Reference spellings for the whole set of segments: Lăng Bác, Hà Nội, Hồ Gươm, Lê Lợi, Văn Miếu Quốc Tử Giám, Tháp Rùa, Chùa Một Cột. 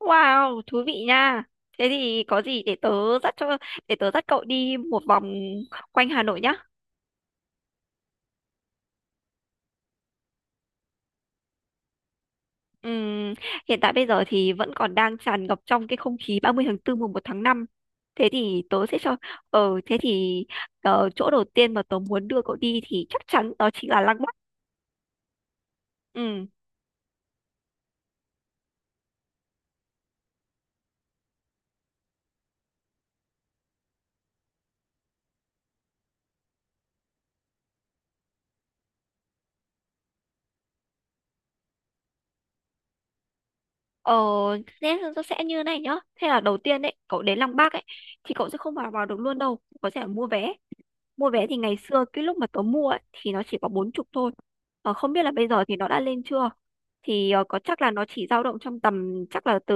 Wow, thú vị nha. Thế thì có gì để tớ dắt cho để tớ dắt cậu đi một vòng quanh Hà Nội nhá. Ừm, Hiện tại bây giờ thì vẫn còn đang tràn ngập trong cái không khí 30 tháng 4 1 tháng 5. Thế thì tớ sẽ cho ờ thế thì ờ, Chỗ đầu tiên mà tớ muốn đưa cậu đi thì chắc chắn đó chính là Lăng Bác. Ừm. Ờ Thế nó sẽ như này nhá. Thế là đầu tiên đấy, cậu đến Lăng Bác ấy thì cậu sẽ không vào vào được luôn đâu, có thể là mua vé. Mua vé thì ngày xưa cái lúc mà tớ mua ấy, thì nó chỉ có 40 thôi. Ờ, không biết là bây giờ thì nó đã lên chưa. Thì có chắc là nó chỉ dao động trong tầm chắc là từ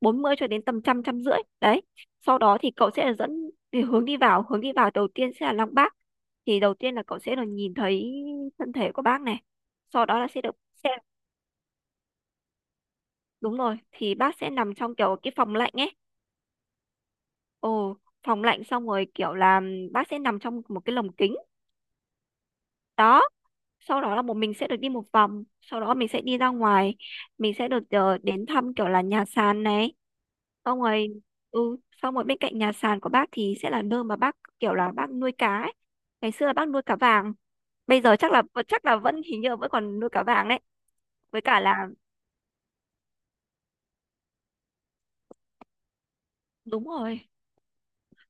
40 cho đến tầm trăm trăm rưỡi. Đấy. Sau đó thì cậu sẽ là dẫn thì hướng đi vào đầu tiên sẽ là Lăng Bác. Thì đầu tiên là cậu sẽ được nhìn thấy thân thể của bác này. Sau đó là sẽ được xem. Đúng rồi, thì bác sẽ nằm trong kiểu cái phòng lạnh ấy. Ồ, phòng lạnh xong rồi kiểu là bác sẽ nằm trong một cái lồng kính. Đó, sau đó là bọn mình sẽ được đi một vòng, sau đó mình sẽ đi ra ngoài, mình sẽ được đến thăm kiểu là nhà sàn này, xong rồi ừ xong rồi bên cạnh nhà sàn của bác thì sẽ là nơi mà bác kiểu là bác nuôi cá ấy. Ngày xưa là bác nuôi cá vàng, bây giờ chắc là chắc là vẫn hình như là vẫn còn nuôi cá vàng đấy, với cả là đúng rồi,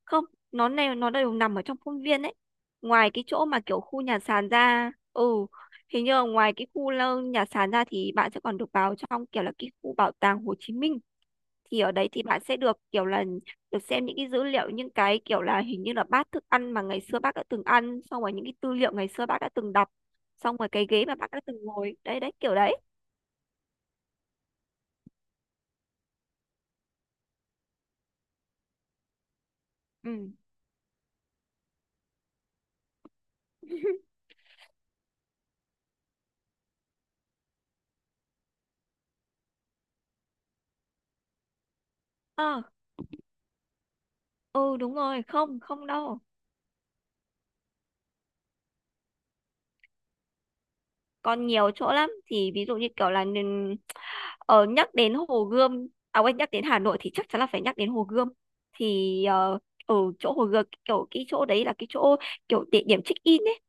không, nó này nó đều nằm ở trong khuôn viên đấy, ngoài cái chỗ mà kiểu khu nhà sàn ra. Ừ Hình như là ngoài cái khu nhà sàn ra thì bạn sẽ còn được vào trong kiểu là cái khu bảo tàng Hồ Chí Minh. Thì ở đấy thì bạn sẽ được kiểu là được xem những cái dữ liệu, những cái kiểu là hình như là bát thức ăn mà ngày xưa bác đã từng ăn, xong rồi những cái tư liệu ngày xưa bác đã từng đọc, xong rồi cái ghế mà bác đã từng ngồi, đấy, đấy kiểu đấy. Ừ ờ ừ Đúng rồi, không không đâu. Còn nhiều chỗ lắm, thì ví dụ như kiểu là ờ, nhắc đến Hồ Gươm, à quên, nhắc đến Hà Nội thì chắc chắn là phải nhắc đến Hồ Gươm. Thì ở chỗ Hồ Gươm kiểu cái chỗ đấy là cái chỗ kiểu địa điểm check in ấy.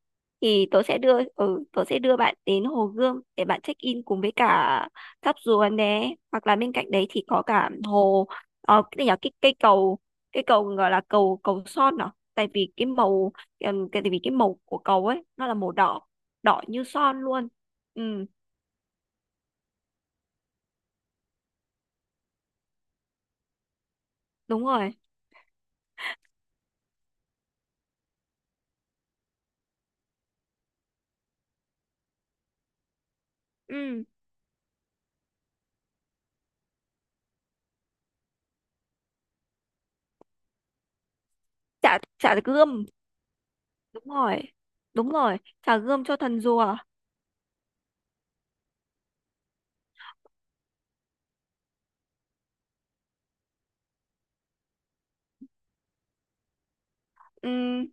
Thì tớ sẽ đưa tớ sẽ đưa bạn đến Hồ Gươm để bạn check in cùng với cả tháp Rùa né, hoặc là bên cạnh đấy thì có cả hồ, cái nhỏ, cái cây cầu, cái cầu gọi là cầu cầu son à. Tại vì cái màu cái tại vì cái màu của cầu ấy nó là màu đỏ, đỏ như son luôn. Ừ, đúng rồi. Ừ. chả Chả gươm. Đúng rồi, đúng rồi, chả gươm cho thần rùa. Ừm,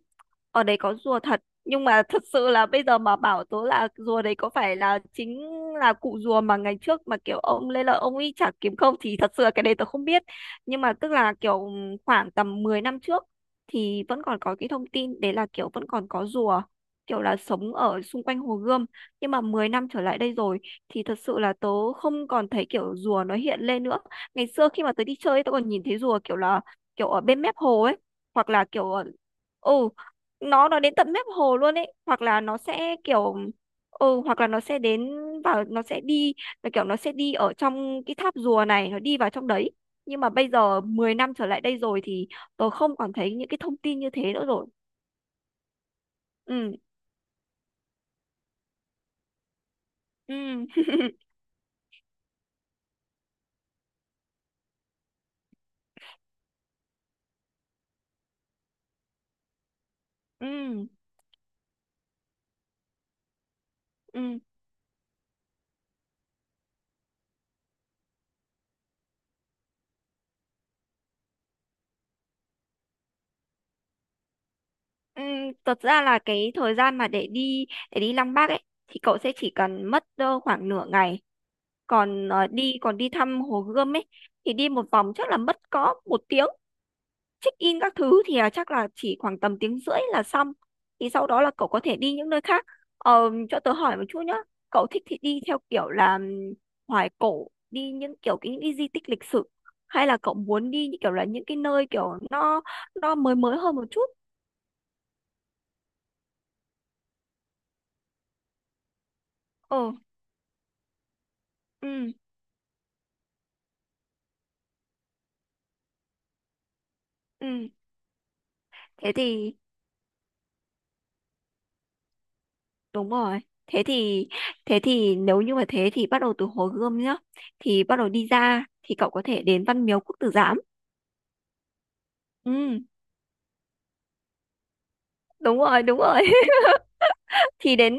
Ở đấy có rùa thật, nhưng mà thật sự là bây giờ mà bảo tớ là rùa đấy có phải là chính là cụ rùa mà ngày trước mà kiểu ông Lê Lợi ông ấy chả kiếm không thì thật sự là cái đấy tớ không biết. Nhưng mà tức là kiểu khoảng tầm 10 năm trước thì vẫn còn có cái thông tin đấy là kiểu vẫn còn có rùa kiểu là sống ở xung quanh Hồ Gươm. Nhưng mà 10 năm trở lại đây rồi thì thật sự là tớ không còn thấy kiểu rùa nó hiện lên nữa. Ngày xưa khi mà tớ đi chơi tớ còn nhìn thấy rùa kiểu là kiểu ở bên mép hồ ấy, hoặc là kiểu ở ừ nó đến tận mép hồ luôn ấy, hoặc là nó sẽ kiểu hoặc là nó sẽ vào, nó sẽ đi, là kiểu nó sẽ đi ở trong cái tháp rùa này, nó đi vào trong đấy. Nhưng mà bây giờ 10 năm trở lại đây rồi thì tôi không còn thấy những cái thông tin như thế nữa rồi. Ừ ừ ừ ừ ừ Thật ra là cái thời gian mà để đi, để đi Lăng Bác ấy thì cậu sẽ chỉ cần mất khoảng nửa ngày. Còn ờ, đi còn đi thăm Hồ Gươm ấy thì đi một vòng chắc là mất có 1 tiếng, check in các thứ thì chắc là chỉ khoảng tầm tiếng rưỡi là xong. Thì sau đó là cậu có thể đi những nơi khác. Cho tớ hỏi một chút nhá. Cậu thích thì đi theo kiểu là hoài cổ, đi những kiểu những cái di tích lịch sử, hay là cậu muốn đi như kiểu là những cái nơi kiểu nó mới mới hơn một chút. Ờ ừ ừ thế thì đúng rồi, thế thì thế thì nếu như mà thế thì bắt đầu từ Hồ Gươm nhá. Thì bắt đầu đi ra thì cậu có thể đến Văn Miếu Quốc Tử Giám. Ừ. Đúng rồi, đúng rồi. thì đến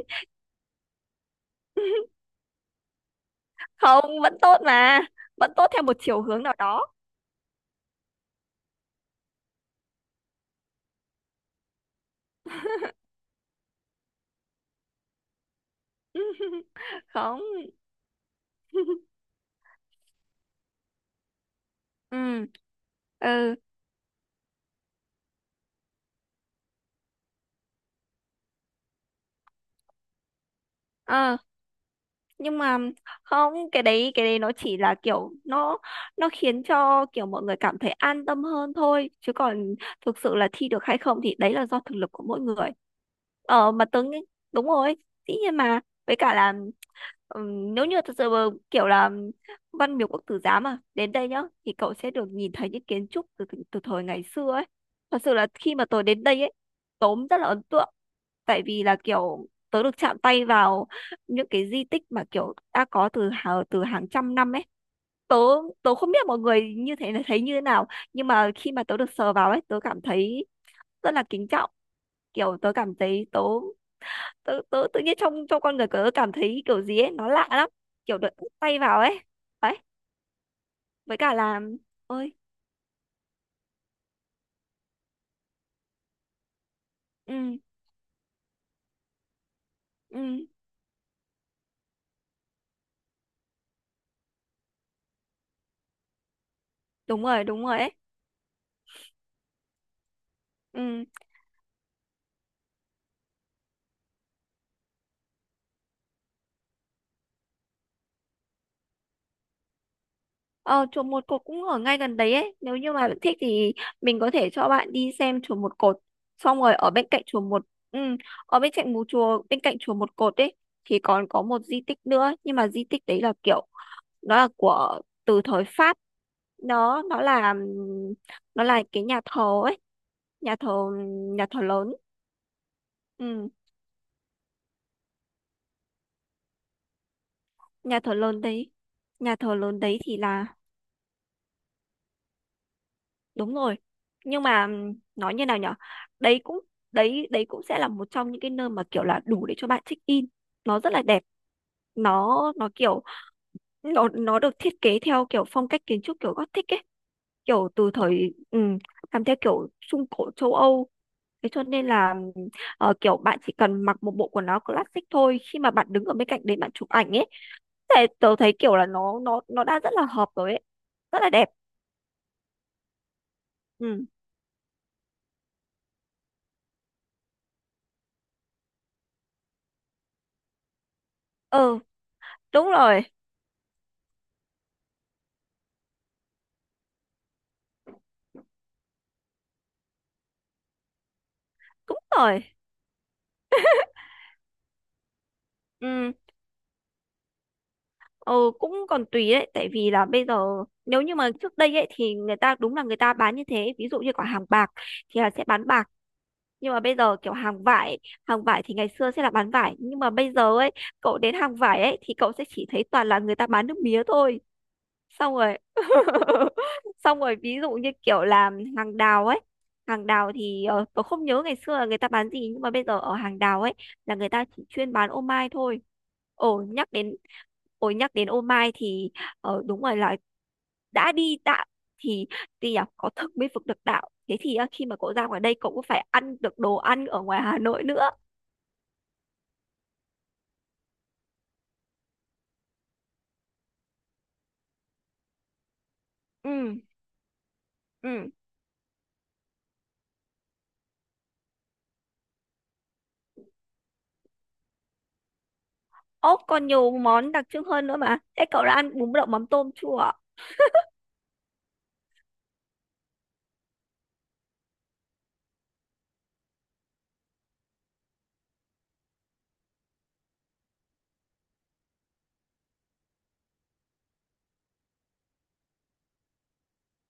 Không, vẫn tốt mà, vẫn tốt theo một chiều hướng nào đó. Không. ừ ừ ờ nhưng mà không, cái đấy cái đấy nó chỉ là kiểu nó khiến cho kiểu mọi người cảm thấy an tâm hơn thôi, chứ còn thực sự là thi được hay không thì đấy là do thực lực của mỗi người. Mà tớ nghĩ đúng rồi, dĩ nhiên mà, với cả là Ừ, nếu như thật sự mà kiểu là văn miếu quốc tử giám mà đến đây nhá thì cậu sẽ được nhìn thấy những kiến trúc từ từ từ thời ngày xưa ấy. Thật sự là khi mà tớ đến đây ấy tớ cũng rất là ấn tượng, tại vì là kiểu tớ được chạm tay vào những cái di tích mà kiểu đã có từ hàng trăm năm ấy. Tớ Tớ không biết mọi người như thế là thấy như thế nào, nhưng mà khi mà tớ được sờ vào ấy tớ cảm thấy rất là kính trọng, kiểu tớ cảm thấy tớ tớ tớ tự nhiên trong trong con người tớ cảm thấy kiểu gì ấy nó lạ lắm, kiểu đợt úp tay vào ấy. Đấy, với cả là ơi ừ ừ đúng rồi, đúng rồi ấy. ừ ờ, chùa một cột cũng ở ngay gần đấy ấy, nếu như mà bạn thích thì mình có thể cho bạn đi xem chùa một cột, xong rồi ở bên cạnh chùa một ừ ở bên cạnh một chùa bên cạnh chùa một cột ấy thì còn có một di tích nữa, nhưng mà di tích đấy là kiểu nó là của từ thời Pháp. nó nó là nó là cái nhà thờ ấy, nhà thờ nhà thờ lớn. Ừ, nhà thờ lớn đấy, thì là đúng rồi. Nhưng mà nói như nào nhở, đấy cũng đấy đấy cũng sẽ là một trong những cái nơi mà kiểu là đủ để cho bạn check in. Nó rất là đẹp, nó nó kiểu nó được thiết kế theo kiểu phong cách kiến trúc kiểu Gothic ấy, kiểu từ thời làm theo kiểu Trung Cổ châu Âu. Thế cho nên là kiểu bạn chỉ cần mặc một bộ quần áo classic thôi, khi mà bạn đứng ở bên cạnh đấy bạn chụp ảnh ấy, thế tớ thấy kiểu là nó đã rất là hợp rồi ấy. Rất là đẹp. Ừ Ừ, đúng rồi, đúng rồi. Ừ, ừ, cũng còn tùy đấy, tại vì là bây giờ nếu như mà trước đây ấy thì người ta đúng là người ta bán như thế, ví dụ như quả hàng bạc thì là sẽ bán bạc, nhưng mà bây giờ kiểu hàng vải thì ngày xưa sẽ là bán vải, nhưng mà bây giờ ấy, cậu đến hàng vải ấy thì cậu sẽ chỉ thấy toàn là người ta bán nước mía thôi. Xong rồi xong rồi ví dụ như kiểu làm hàng đào ấy, hàng đào thì tôi không nhớ ngày xưa là người ta bán gì, nhưng mà bây giờ ở hàng đào ấy là người ta chỉ chuyên bán ô mai thôi. ồ nhắc đến Ồ nhắc đến ô mai thì đúng rồi, là đã đi đạo thì thì nhỉ có thực mới vực được đạo. Thế thì khi mà cậu ra ngoài đây cậu cũng phải ăn được đồ ăn ở ngoài Hà Nội nữa. Ừ ừ Ốc, còn nhiều món đặc trưng hơn nữa mà, thế cậu đã ăn bún đậu mắm tôm chưa?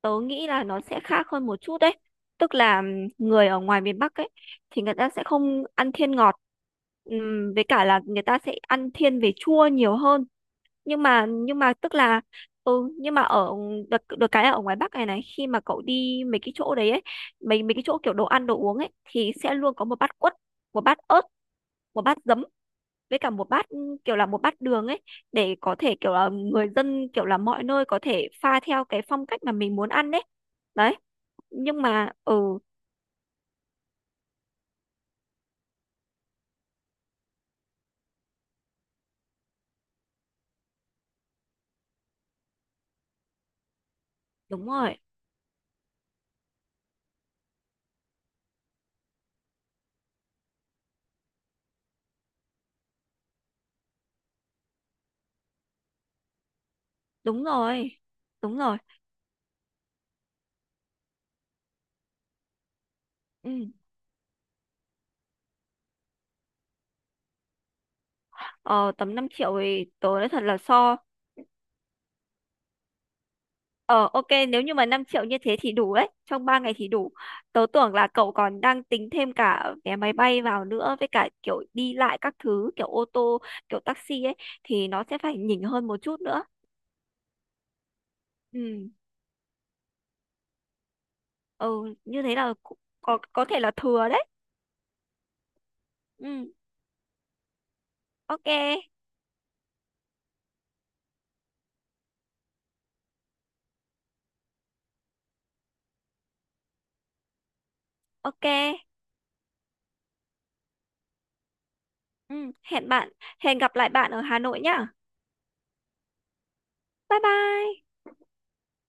Tớ nghĩ là nó sẽ khác hơn một chút đấy, tức là người ở ngoài miền Bắc ấy thì người ta sẽ không ăn thiên ngọt. Với cả là người ta sẽ ăn thiên về chua nhiều hơn. Nhưng mà tức là ừ, nhưng mà ở được, được cái là ở ngoài Bắc này này, khi mà cậu đi mấy cái chỗ đấy ấy, mấy mấy cái chỗ kiểu đồ ăn đồ uống ấy thì sẽ luôn có một bát quất, một bát ớt, một bát giấm, với cả một bát kiểu là một bát đường ấy, để có thể kiểu là người dân kiểu là mọi nơi có thể pha theo cái phong cách mà mình muốn ăn đấy. Đấy. Nhưng mà ừ đúng rồi, đúng rồi, đúng rồi. Ừ. ờ, Tầm 5 triệu thì tớ nói thật là so ờ ok, nếu như mà 5 triệu như thế thì đủ đấy, trong 3 ngày thì đủ. Tớ tưởng là cậu còn đang tính thêm cả vé máy bay vào nữa, với cả kiểu đi lại các thứ kiểu ô tô kiểu taxi ấy, thì nó sẽ phải nhỉnh hơn một chút nữa. Ừ ừ Như thế là cũng có thể là thừa đấy. Ừ ok ok ừ Hẹn bạn, hẹn gặp lại bạn ở Hà Nội nhá. Bye bye.